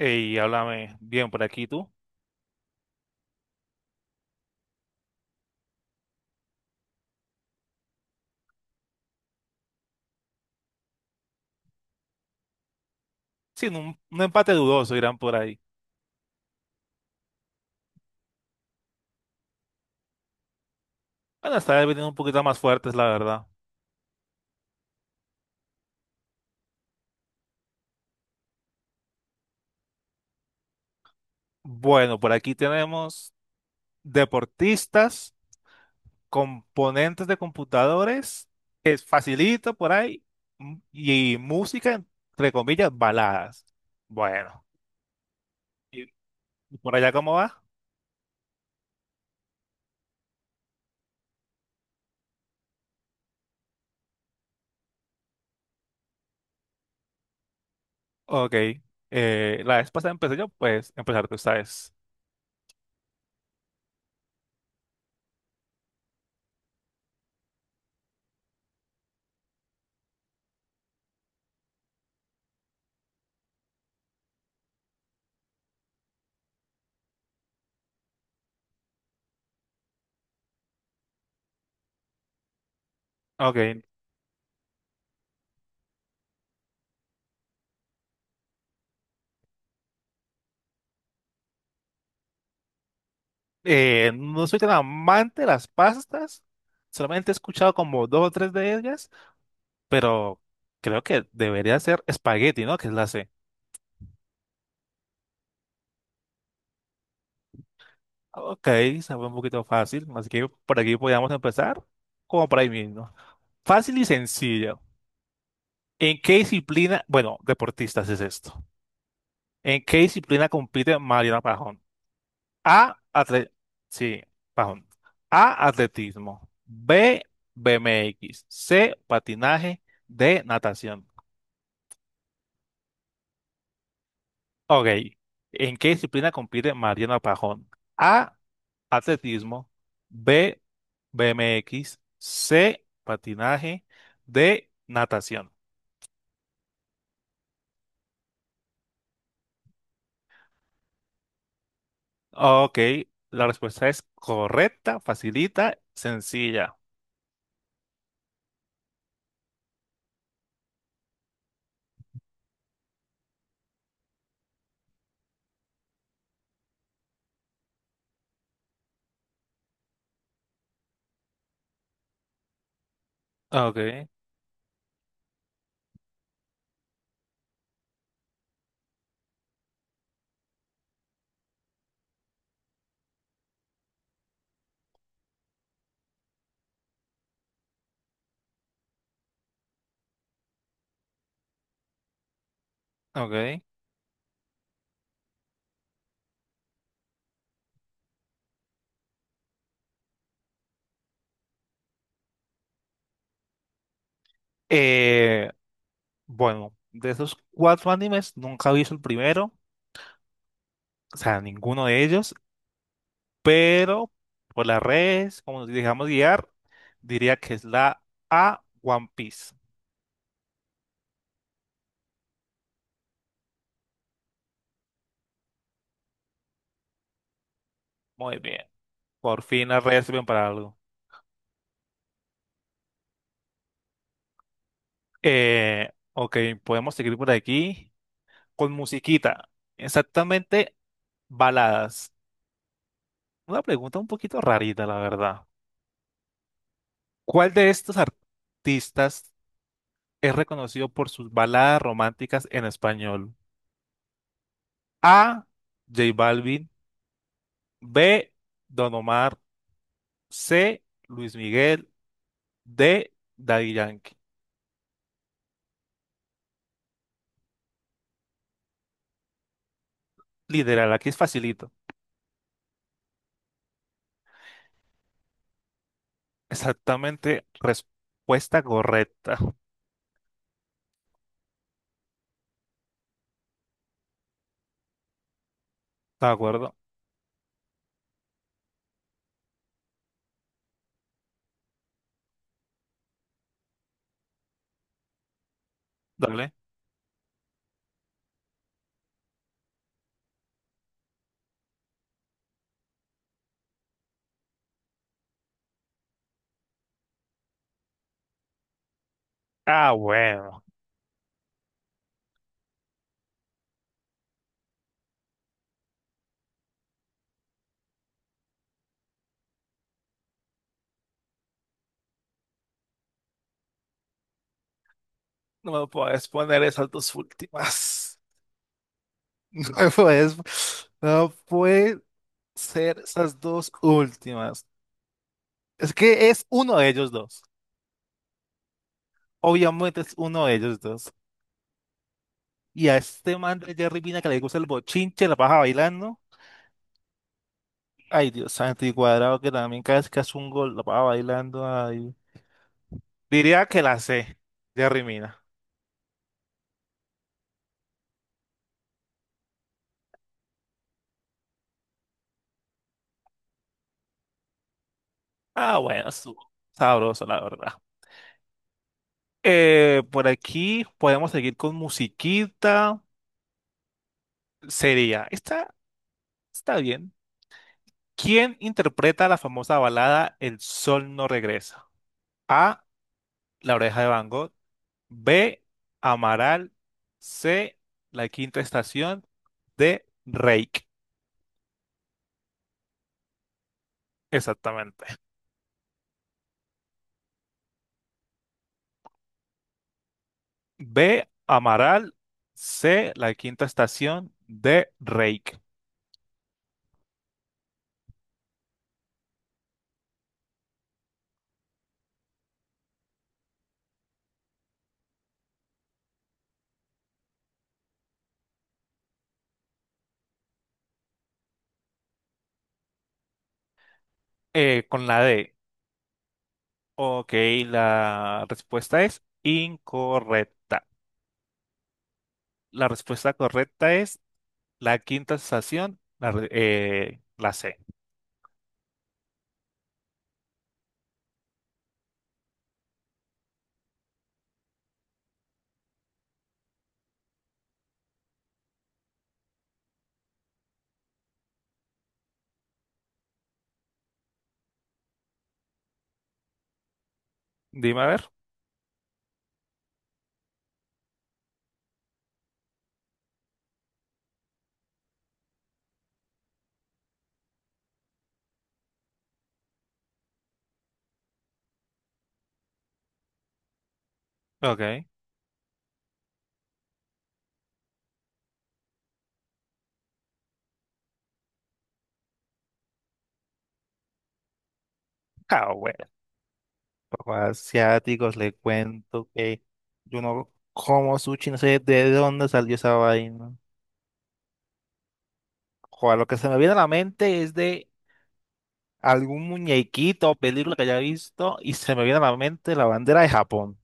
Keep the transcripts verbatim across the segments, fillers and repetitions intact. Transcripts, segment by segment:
Y háblame bien por aquí tú. Sí, un, un empate dudoso irán por ahí. Bueno, esta vez vienen un poquito más fuertes, la verdad. Bueno, por aquí tenemos deportistas, componentes de computadores, es facilito por ahí, m- y música, entre comillas, baladas. Bueno, ¿y y por allá cómo va? Ok. Eh, la vez pasada empecé yo, pues empezar tú, ¿sabes? Ok. Eh, no soy tan amante de las pastas, solamente he escuchado como dos o tres de ellas, pero creo que debería ser espagueti, ¿no? Que es la C. Ok, sabe un poquito fácil, así que por aquí podríamos empezar, como por ahí mismo. Fácil y sencillo. ¿En qué disciplina, bueno, deportistas es esto? ¿En qué disciplina compite Mariana Pajón? A, atle- sí, Pajón. A, atletismo. B, BMX. C, patinaje. D, natación. Ok, ¿en qué disciplina compite Mariana Pajón? A, atletismo, B, BMX, C, patinaje, D, natación. Ok, la respuesta es correcta, facilita, sencilla. Ok, ok. Eh, bueno, de esos cuatro animes nunca he visto el primero, o sea, ninguno de ellos, pero por las redes, como nos dejamos guiar, diría que es la A, One Piece. Muy bien. Por fin las redes sirven para algo. Eh, ok, podemos seguir por aquí con musiquita. Exactamente, baladas. Una pregunta un poquito rarita, la verdad. ¿Cuál de estos artistas es reconocido por sus baladas románticas en español? A. J Balvin. B. Don Omar. C. Luis Miguel. D. Daddy Yankee. Literal, aquí es facilito. Exactamente, respuesta correcta. ¿De acuerdo? Dale. Ah, bueno. No me puedes poner esas dos últimas. No me puedes. No puede ser esas dos últimas. Es que es uno de ellos dos. Obviamente es uno de ellos dos. Y a este man de Jerry Mina que le gusta el bochinche, la baja bailando. Ay, Dios santo, y cuadrado que también cada vez que hace un gol la baja bailando. Ay. Diría que la sé, Jerry Mina. Ah, bueno, estuvo sabroso, la verdad. Eh, por aquí podemos seguir con musiquita. sería, está, está bien. ¿Quién interpreta la famosa balada El sol no regresa? A. La oreja de Van Gogh. B. Amaral. C. La quinta estación. D. Reik. Exactamente. B. Amaral. C. La quinta estación. D. Reik. Eh, con la D. Ok, la respuesta es incorrecta. La respuesta correcta es La quinta estación, la, re- eh, la C. Dime a ver. Ok. Ah, bueno, papá, asiáticos, le cuento que yo no como sushi, no sé de dónde salió esa vaina. Joder, lo que se me viene a la mente es de algún muñequito o película que haya visto y se me viene a la mente la bandera de Japón.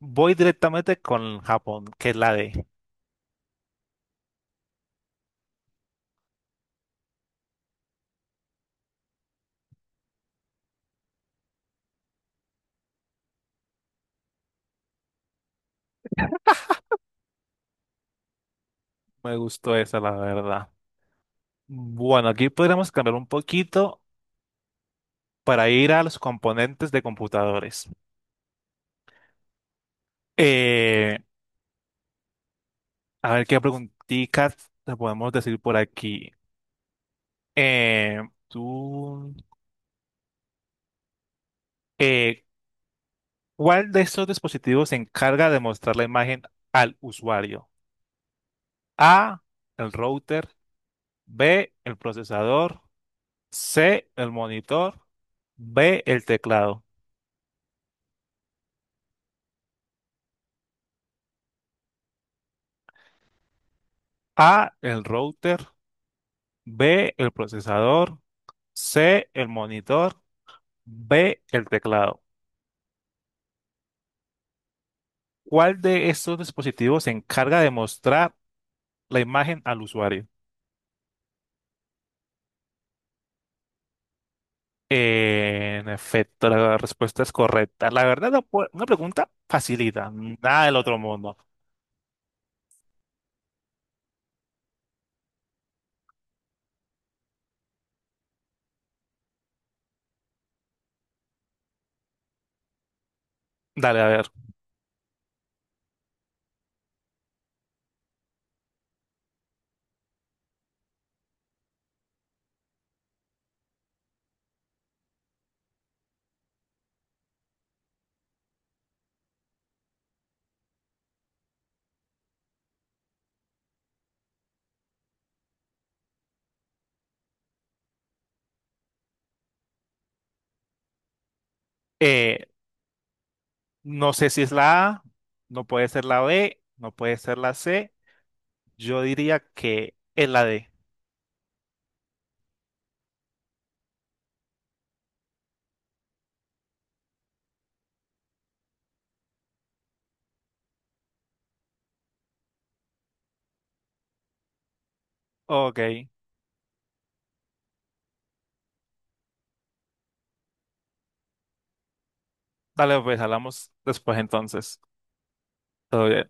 Voy directamente con Japón, que es la D. Me gustó esa, la verdad. Bueno, aquí podríamos cambiar un poquito para ir a los componentes de computadores. Eh, a ver qué preguntitas te podemos decir por aquí. Eh, tú, eh, ¿Cuál de estos dispositivos se encarga de mostrar la imagen al usuario? A, el router, B, el procesador, C, el monitor, B, el teclado. A, el router, B, el procesador, C, el monitor, B, el teclado. ¿Cuál de estos dispositivos se encarga de mostrar la imagen al usuario? En efecto, la respuesta es correcta. La verdad, la pu- una pregunta facilita, nada del otro mundo. Dale, a ver. Eh, no sé si es la A, no puede ser la B, no puede ser la C. Yo diría que es la D. Ok, dale, pues hablamos después entonces. Todo bien.